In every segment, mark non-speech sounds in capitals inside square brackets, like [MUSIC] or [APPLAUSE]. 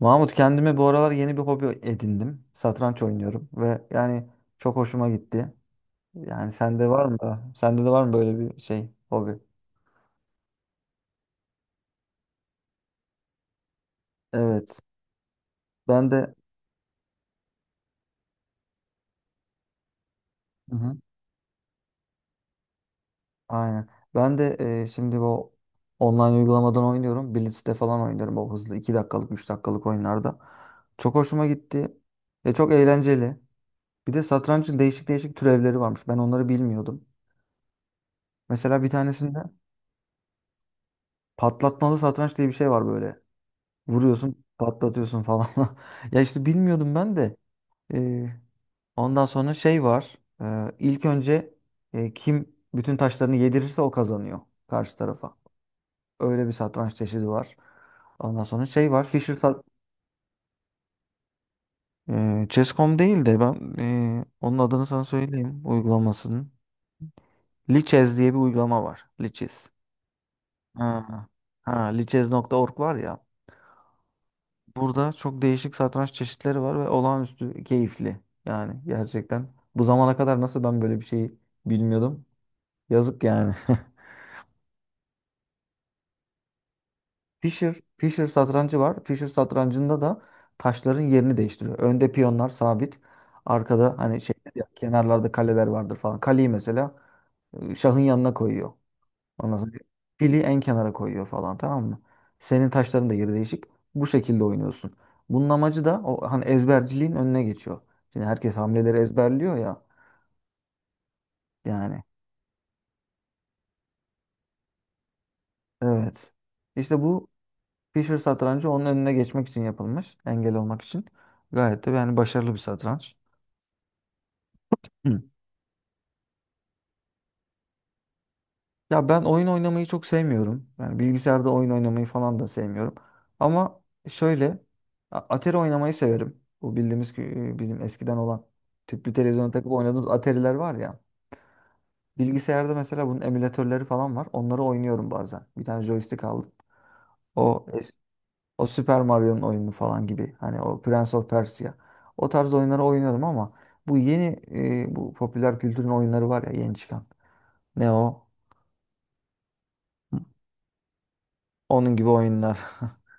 Mahmut kendime bu aralar yeni bir hobi edindim. Satranç oynuyorum ve yani çok hoşuma gitti. Yani sende var mı? Sende de var mı böyle bir şey, hobi? Evet. Ben de hı hı, aynen. Ben de şimdi bu online uygulamadan oynuyorum. Blitz'te falan oynuyorum o hızlı 2 dakikalık, 3 dakikalık oyunlarda. Çok hoşuma gitti. Ve çok eğlenceli. Bir de satrancın değişik değişik türevleri varmış. Ben onları bilmiyordum. Mesela bir tanesinde patlatmalı satranç diye bir şey var böyle. Vuruyorsun, patlatıyorsun falan. [LAUGHS] Ya işte bilmiyordum ben de. Ee, ondan sonra şey var. İlk önce kim bütün taşlarını yedirirse o kazanıyor karşı tarafa. Öyle bir satranç çeşidi var. Ondan sonra şey var. Fischer sat Chess.com değil de ben onun adını sana söyleyeyim uygulamasının. Lichess diye bir uygulama var. Lichess. Ha, ha lichess.org var ya. Burada çok değişik satranç çeşitleri var ve olağanüstü keyifli. Yani gerçekten bu zamana kadar nasıl ben böyle bir şeyi bilmiyordum. Yazık yani. [LAUGHS] Fischer satrancı var. Fischer satrancında da taşların yerini değiştiriyor. Önde piyonlar sabit. Arkada hani şey ya, kenarlarda kaleler vardır falan. Kaleyi mesela şahın yanına koyuyor. Ondan sonra fili en kenara koyuyor falan, tamam mı? Senin taşların da yeri değişik. Bu şekilde oynuyorsun. Bunun amacı da o, hani ezberciliğin önüne geçiyor. Şimdi herkes hamleleri ezberliyor ya yani. Evet. İşte bu Fischer satrancı onun önüne geçmek için yapılmış. Engel olmak için. Gayet de yani başarılı bir satranç. Hı. Ya ben oyun oynamayı çok sevmiyorum. Yani bilgisayarda oyun oynamayı falan da sevmiyorum. Ama şöyle, Atari oynamayı severim. Bu bildiğimiz ki, bizim eskiden olan tüplü televizyona takıp oynadığımız Atari'ler var ya. Bilgisayarda mesela bunun emülatörleri falan var. Onları oynuyorum bazen. Bir tane joystick aldım. O es- O Super Mario'nun oyunu falan gibi. Hani o Prince of Persia. O tarz oyunları oynuyorum ama bu yeni, bu popüler kültürün oyunları var ya yeni çıkan. Ne o? Onun gibi oyunlar.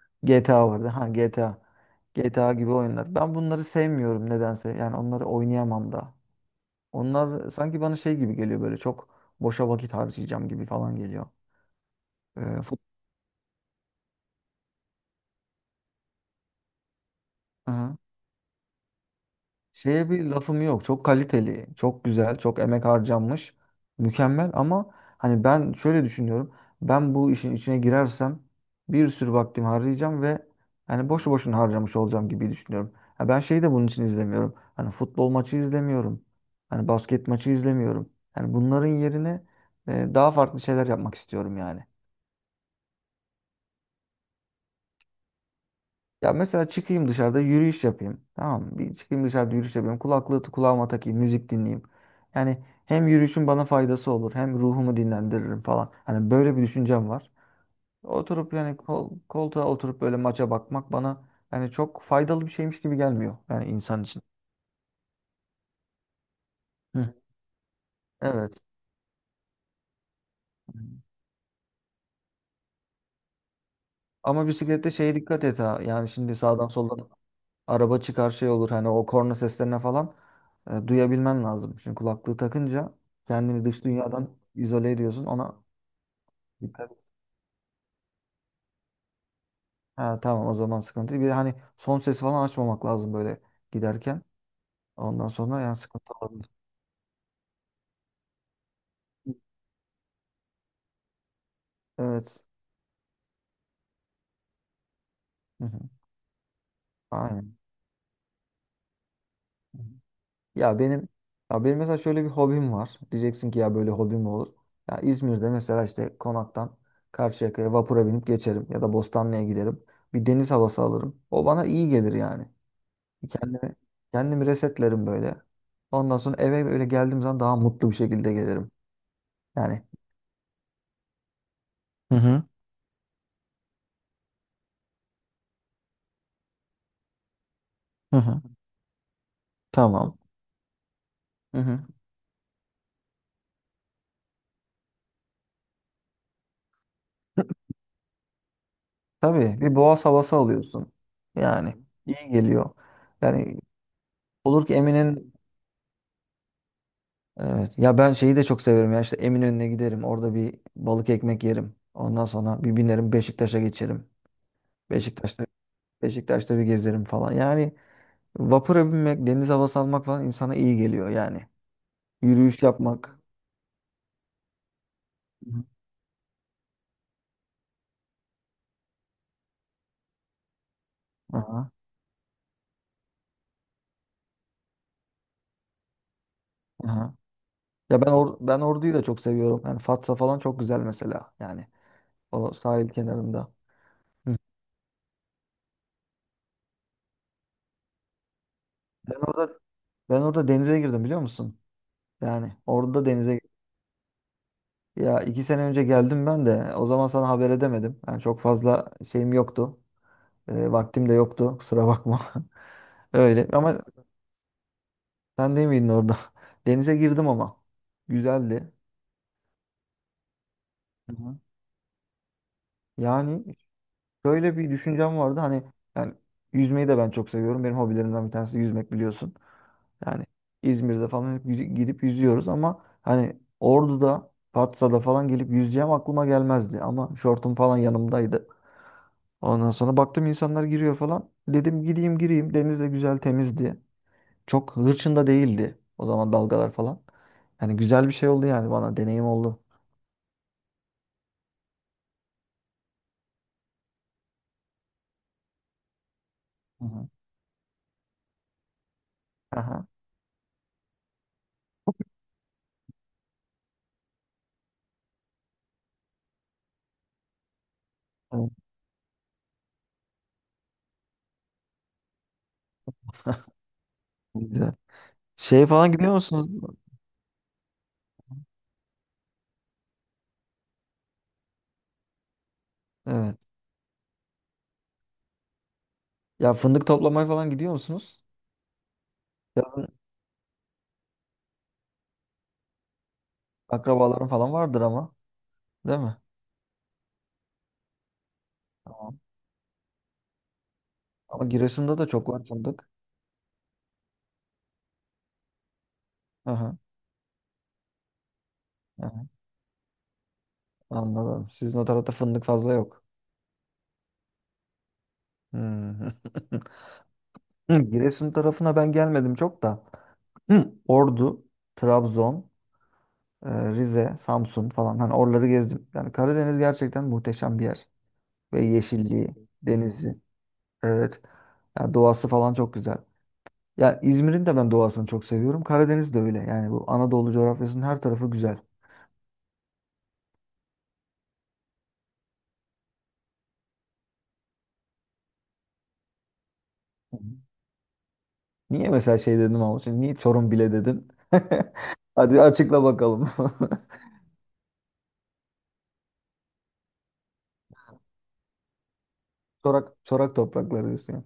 [LAUGHS] GTA vardı. Ha GTA. GTA gibi oyunlar. Ben bunları sevmiyorum nedense. Yani onları oynayamam da. Onlar sanki bana şey gibi geliyor böyle, çok boşa vakit harcayacağım gibi falan geliyor. Ee, fut- Hı. Şeye bir lafım yok. Çok kaliteli, çok güzel, çok emek harcanmış. Mükemmel ama hani ben şöyle düşünüyorum. Ben bu işin içine girersem bir sürü vaktimi harcayacağım ve hani boşu boşuna harcamış olacağım gibi düşünüyorum. Ha ben şeyi de bunun için izlemiyorum. Hani futbol maçı izlemiyorum. Hani basket maçı izlemiyorum. Yani bunların yerine daha farklı şeyler yapmak istiyorum yani. Ya mesela çıkayım dışarıda yürüyüş yapayım. Tamam mı? Bir çıkayım dışarıda yürüyüş yapayım. Kulaklığı kulağıma takayım, müzik dinleyeyim. Yani hem yürüyüşün bana faydası olur, hem ruhumu dinlendiririm falan. Hani böyle bir düşüncem var. Oturup yani koltuğa oturup böyle maça bakmak bana yani çok faydalı bir şeymiş gibi gelmiyor yani insan için. Hı. Evet. Ama bisiklette şeye dikkat et ha. Yani şimdi sağdan soldan araba çıkar şey olur hani o korna seslerine falan duyabilmen lazım. Çünkü kulaklığı takınca kendini dış dünyadan izole ediyorsun. Ona dikkat et. Ha, tamam o zaman sıkıntı değil. Bir de hani son sesi falan açmamak lazım böyle giderken. Ondan sonra yani sıkıntı olabilir. Evet. Hı hı. Aynen. Hı hı. Ya benim ya benim mesela şöyle bir hobim var. Diyeceksin ki ya böyle hobi mi olur? Ya İzmir'de mesela işte Konak'tan Karşıyaka'ya vapura binip geçerim ya da Bostanlı'ya giderim. Bir deniz havası alırım. O bana iyi gelir yani. Kendimi, kendimi resetlerim böyle. Ondan sonra eve böyle geldiğim zaman daha mutlu bir şekilde gelirim. Yani. Hı hı. Hı hı. Tamam. Hı hı. Tabii bir boğaz havası alıyorsun. Yani iyi geliyor. Yani olur ki Emin'in evet ya ben şeyi de çok severim ya işte Eminönü'ne giderim. Orada bir balık ekmek yerim. Ondan sonra bir binerim Beşiktaş'a geçerim. Beşiktaş'ta Beşiktaş'ta bir gezerim falan. Yani vapura binmek, deniz havası almak falan insana iyi geliyor yani. Yürüyüş yapmak. Aha, aha. Ben Ordu'yu da çok seviyorum. Yani Fatsa falan çok güzel mesela. Yani o sahil kenarında. Hı. Ben orada ben orada denize girdim biliyor musun? Yani orada denize Ya iki sene önce geldim ben de. O zaman sana haber edemedim. Yani çok fazla şeyim yoktu. E, vaktim de yoktu. Kusura bakma. [LAUGHS] Öyle. Ama sen değil miydin orada? [LAUGHS] Denize girdim ama. Güzeldi. Hı hı. Yani şöyle bir düşüncem vardı hani yani yüzmeyi de ben çok seviyorum. Benim hobilerimden bir tanesi yüzmek, biliyorsun. Yani İzmir'de falan hep gidip yüzüyoruz ama hani Ordu'da, Patsa'da falan gelip yüzeceğim aklıma gelmezdi. Ama şortum falan yanımdaydı. Ondan sonra baktım insanlar giriyor falan. Dedim gideyim gireyim. Deniz de güzel temizdi. Çok hırçın da değildi o zaman dalgalar falan. Yani güzel bir şey oldu yani, bana deneyim oldu. Hı hı. Aha. Evet. [LAUGHS] Güzel. Şey falan gidiyor musunuz? Evet. Ya fındık toplamaya falan gidiyor musunuz? Yazın akrabaların falan vardır ama. Değil mi? Tamam. Ama Giresun'da da çok var fındık. Aha, aha, anladım. Sizin o tarafta fındık fazla yok. Hmm. [LAUGHS] Hı, Giresun tarafına ben gelmedim çok da. Hı. Ordu, Trabzon, Rize, Samsun falan. Hani oraları gezdim. Yani Karadeniz gerçekten muhteşem bir yer. Ve yeşilliği, denizi. Evet. Yani doğası falan çok güzel. Ya İzmir'in de ben doğasını çok seviyorum. Karadeniz de öyle. Yani bu Anadolu coğrafyasının her tarafı güzel. Hı hı. Niye mesela şey dedim ama şimdi niye Çorum bile dedin? [LAUGHS] Hadi açıkla bakalım. [LAUGHS] Çorak, çorak toprakları diyorsun ya.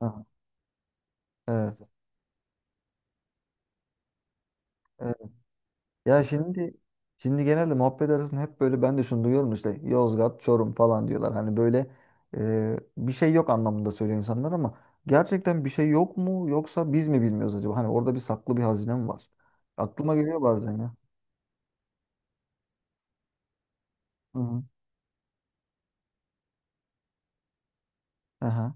Aha. Evet. Evet. Ya şimdi genelde muhabbet arasında hep böyle ben de şunu duyuyorum işte Yozgat, Çorum falan diyorlar. Hani böyle bir şey yok anlamında söylüyor insanlar ama gerçekten bir şey yok mu yoksa biz mi bilmiyoruz acaba? Hani orada bir saklı bir hazine mi var? Aklıma geliyor bazen ya. Hı. Aha.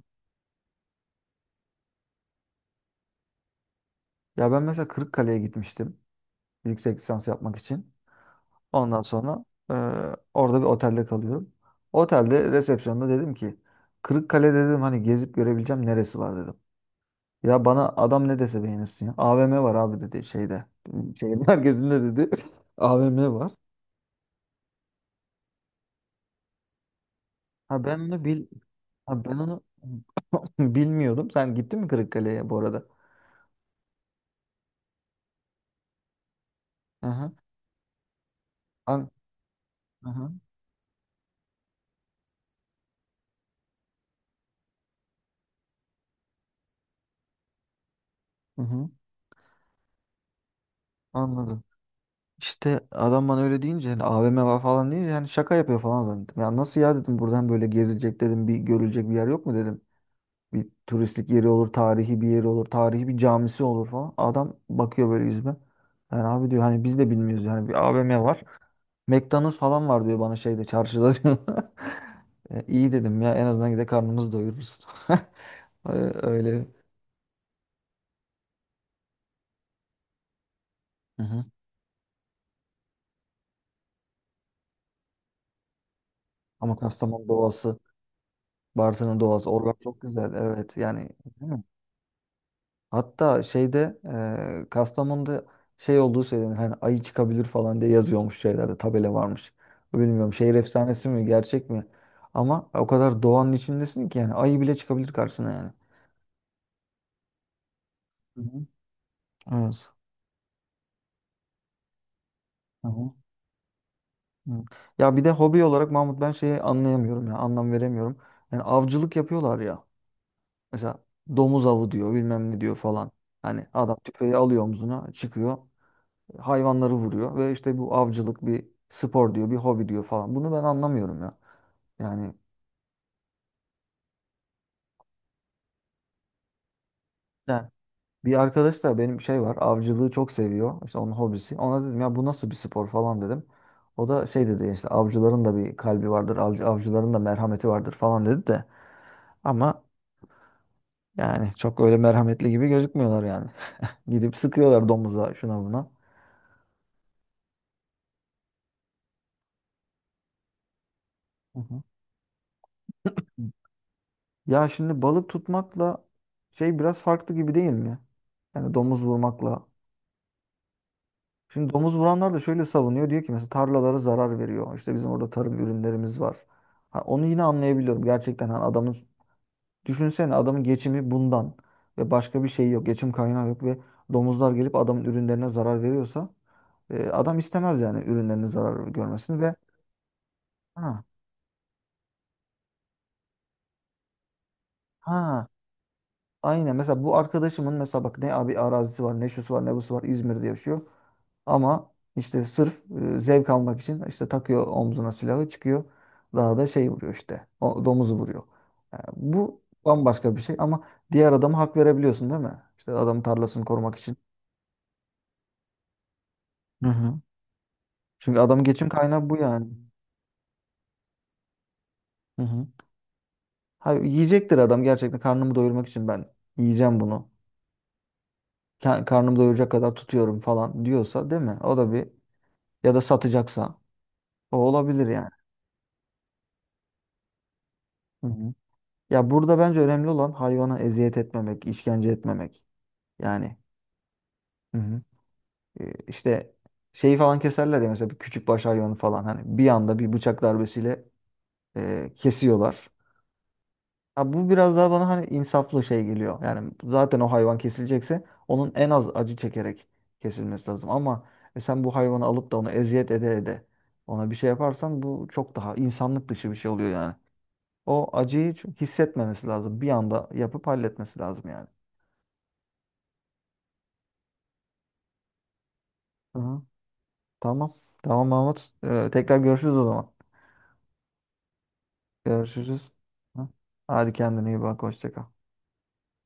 Ya ben mesela Kırıkkale'ye gitmiştim yüksek lisans yapmak için. Ondan sonra e, orada bir otelde kalıyorum. Otelde resepsiyonda dedim ki Kırıkkale dedim hani gezip görebileceğim neresi var dedim. Ya bana adam ne dese beğenirsin ya. AVM var abi dedi şeyde. Şehrin merkezinde dedi. [LAUGHS] AVM var. Ha ben onu bil ha ben onu [LAUGHS] bilmiyordum. Sen gittin mi Kırıkkale'ye bu arada? Aha. An aha. Hı hı. Anladım. İşte adam bana öyle deyince hani AVM var falan deyince hani şaka yapıyor falan zannettim. Ya nasıl ya dedim, buradan böyle gezilecek dedim, bir görülecek bir yer yok mu dedim. Bir turistik yeri olur, tarihi bir yeri olur, tarihi bir camisi olur falan. Adam bakıyor böyle yüzüme. Yani abi diyor hani biz de bilmiyoruz yani, bir AVM var. McDonald's falan var diyor bana şeyde çarşıda diyor. [LAUGHS] İyi dedim, ya en azından gide karnımızı doyururuz. [LAUGHS] E, öyle. Hı hı. Ama Kastamonu doğası, Bartın'ın doğası, oralar çok güzel evet yani. Hatta şeyde, Kastamonu'da şey olduğu söylenir. Hani ayı çıkabilir falan diye yazıyormuş şeylerde, tabela varmış. Bilmiyorum şehir efsanesi mi gerçek mi? Ama o kadar doğanın içindesin ki yani ayı bile çıkabilir karşısına yani. Hı hı. Evet. Hı hı. Hı. Ya bir de hobi olarak Mahmut ben şeyi anlayamıyorum ya, anlam veremiyorum. Yani avcılık yapıyorlar ya. Mesela domuz avı diyor, bilmem ne diyor falan. Hani adam tüfeği alıyor omzuna çıkıyor, hayvanları vuruyor ve işte bu avcılık bir spor diyor, bir hobi diyor falan. Bunu ben anlamıyorum ya. Yani yani bir arkadaş da benim şey var, avcılığı çok seviyor. İşte onun hobisi. Ona dedim ya bu nasıl bir spor falan dedim. O da şey dedi işte avcıların da bir kalbi vardır, avcıların da merhameti vardır falan dedi de. Ama yani çok öyle merhametli gibi gözükmüyorlar yani. [LAUGHS] Gidip sıkıyorlar domuza şuna buna. Hı hı. Ya şimdi balık tutmakla şey biraz farklı gibi değil mi? Yani domuz vurmakla, şimdi domuz vuranlar da şöyle savunuyor. Diyor ki mesela tarlalara zarar veriyor. İşte bizim orada tarım ürünlerimiz var. Ha, onu yine anlayabiliyorum. Gerçekten hani adamın, düşünsene adamın geçimi bundan ve başka bir şey yok. Geçim kaynağı yok ve domuzlar gelip adamın ürünlerine zarar veriyorsa adam istemez yani ürünlerine zarar görmesini ve ha, ha aynen. Mesela bu arkadaşımın mesela bak, ne abi arazisi var ne şusu var ne busu var, İzmir'de yaşıyor. Ama işte sırf zevk almak için işte takıyor omzuna silahı çıkıyor, dağda şey vuruyor, işte o domuzu vuruyor. Yani bu bambaşka bir şey ama diğer adama hak verebiliyorsun değil mi? İşte adam tarlasını korumak için. Hı hı. Çünkü adam, geçim kaynağı bu yani. Hı hı. Ha, yiyecektir adam, gerçekten karnımı doyurmak için ben yiyeceğim bunu. Karnımı doyuracak kadar tutuyorum falan diyorsa, değil mi? O da bir, ya da satacaksa. O olabilir yani. Hı hı. Ya burada bence önemli olan hayvana eziyet etmemek, işkence etmemek. Yani hı hı, işte şeyi falan keserler ya mesela, bir küçük baş hayvanı falan hani bir anda bir bıçak darbesiyle kesiyorlar. Ya bu biraz daha bana hani insaflı şey geliyor. Yani zaten o hayvan kesilecekse onun en az acı çekerek kesilmesi lazım. Ama sen bu hayvanı alıp da onu eziyet ede ede ona bir şey yaparsan bu çok daha insanlık dışı bir şey oluyor yani. O acıyı hiç hissetmemesi lazım. Bir anda yapıp halletmesi lazım yani. Hı. Tamam. Tamam Mahmut. Tekrar görüşürüz o zaman. Görüşürüz. Hı. Hadi kendine iyi bak. Hoşça kal.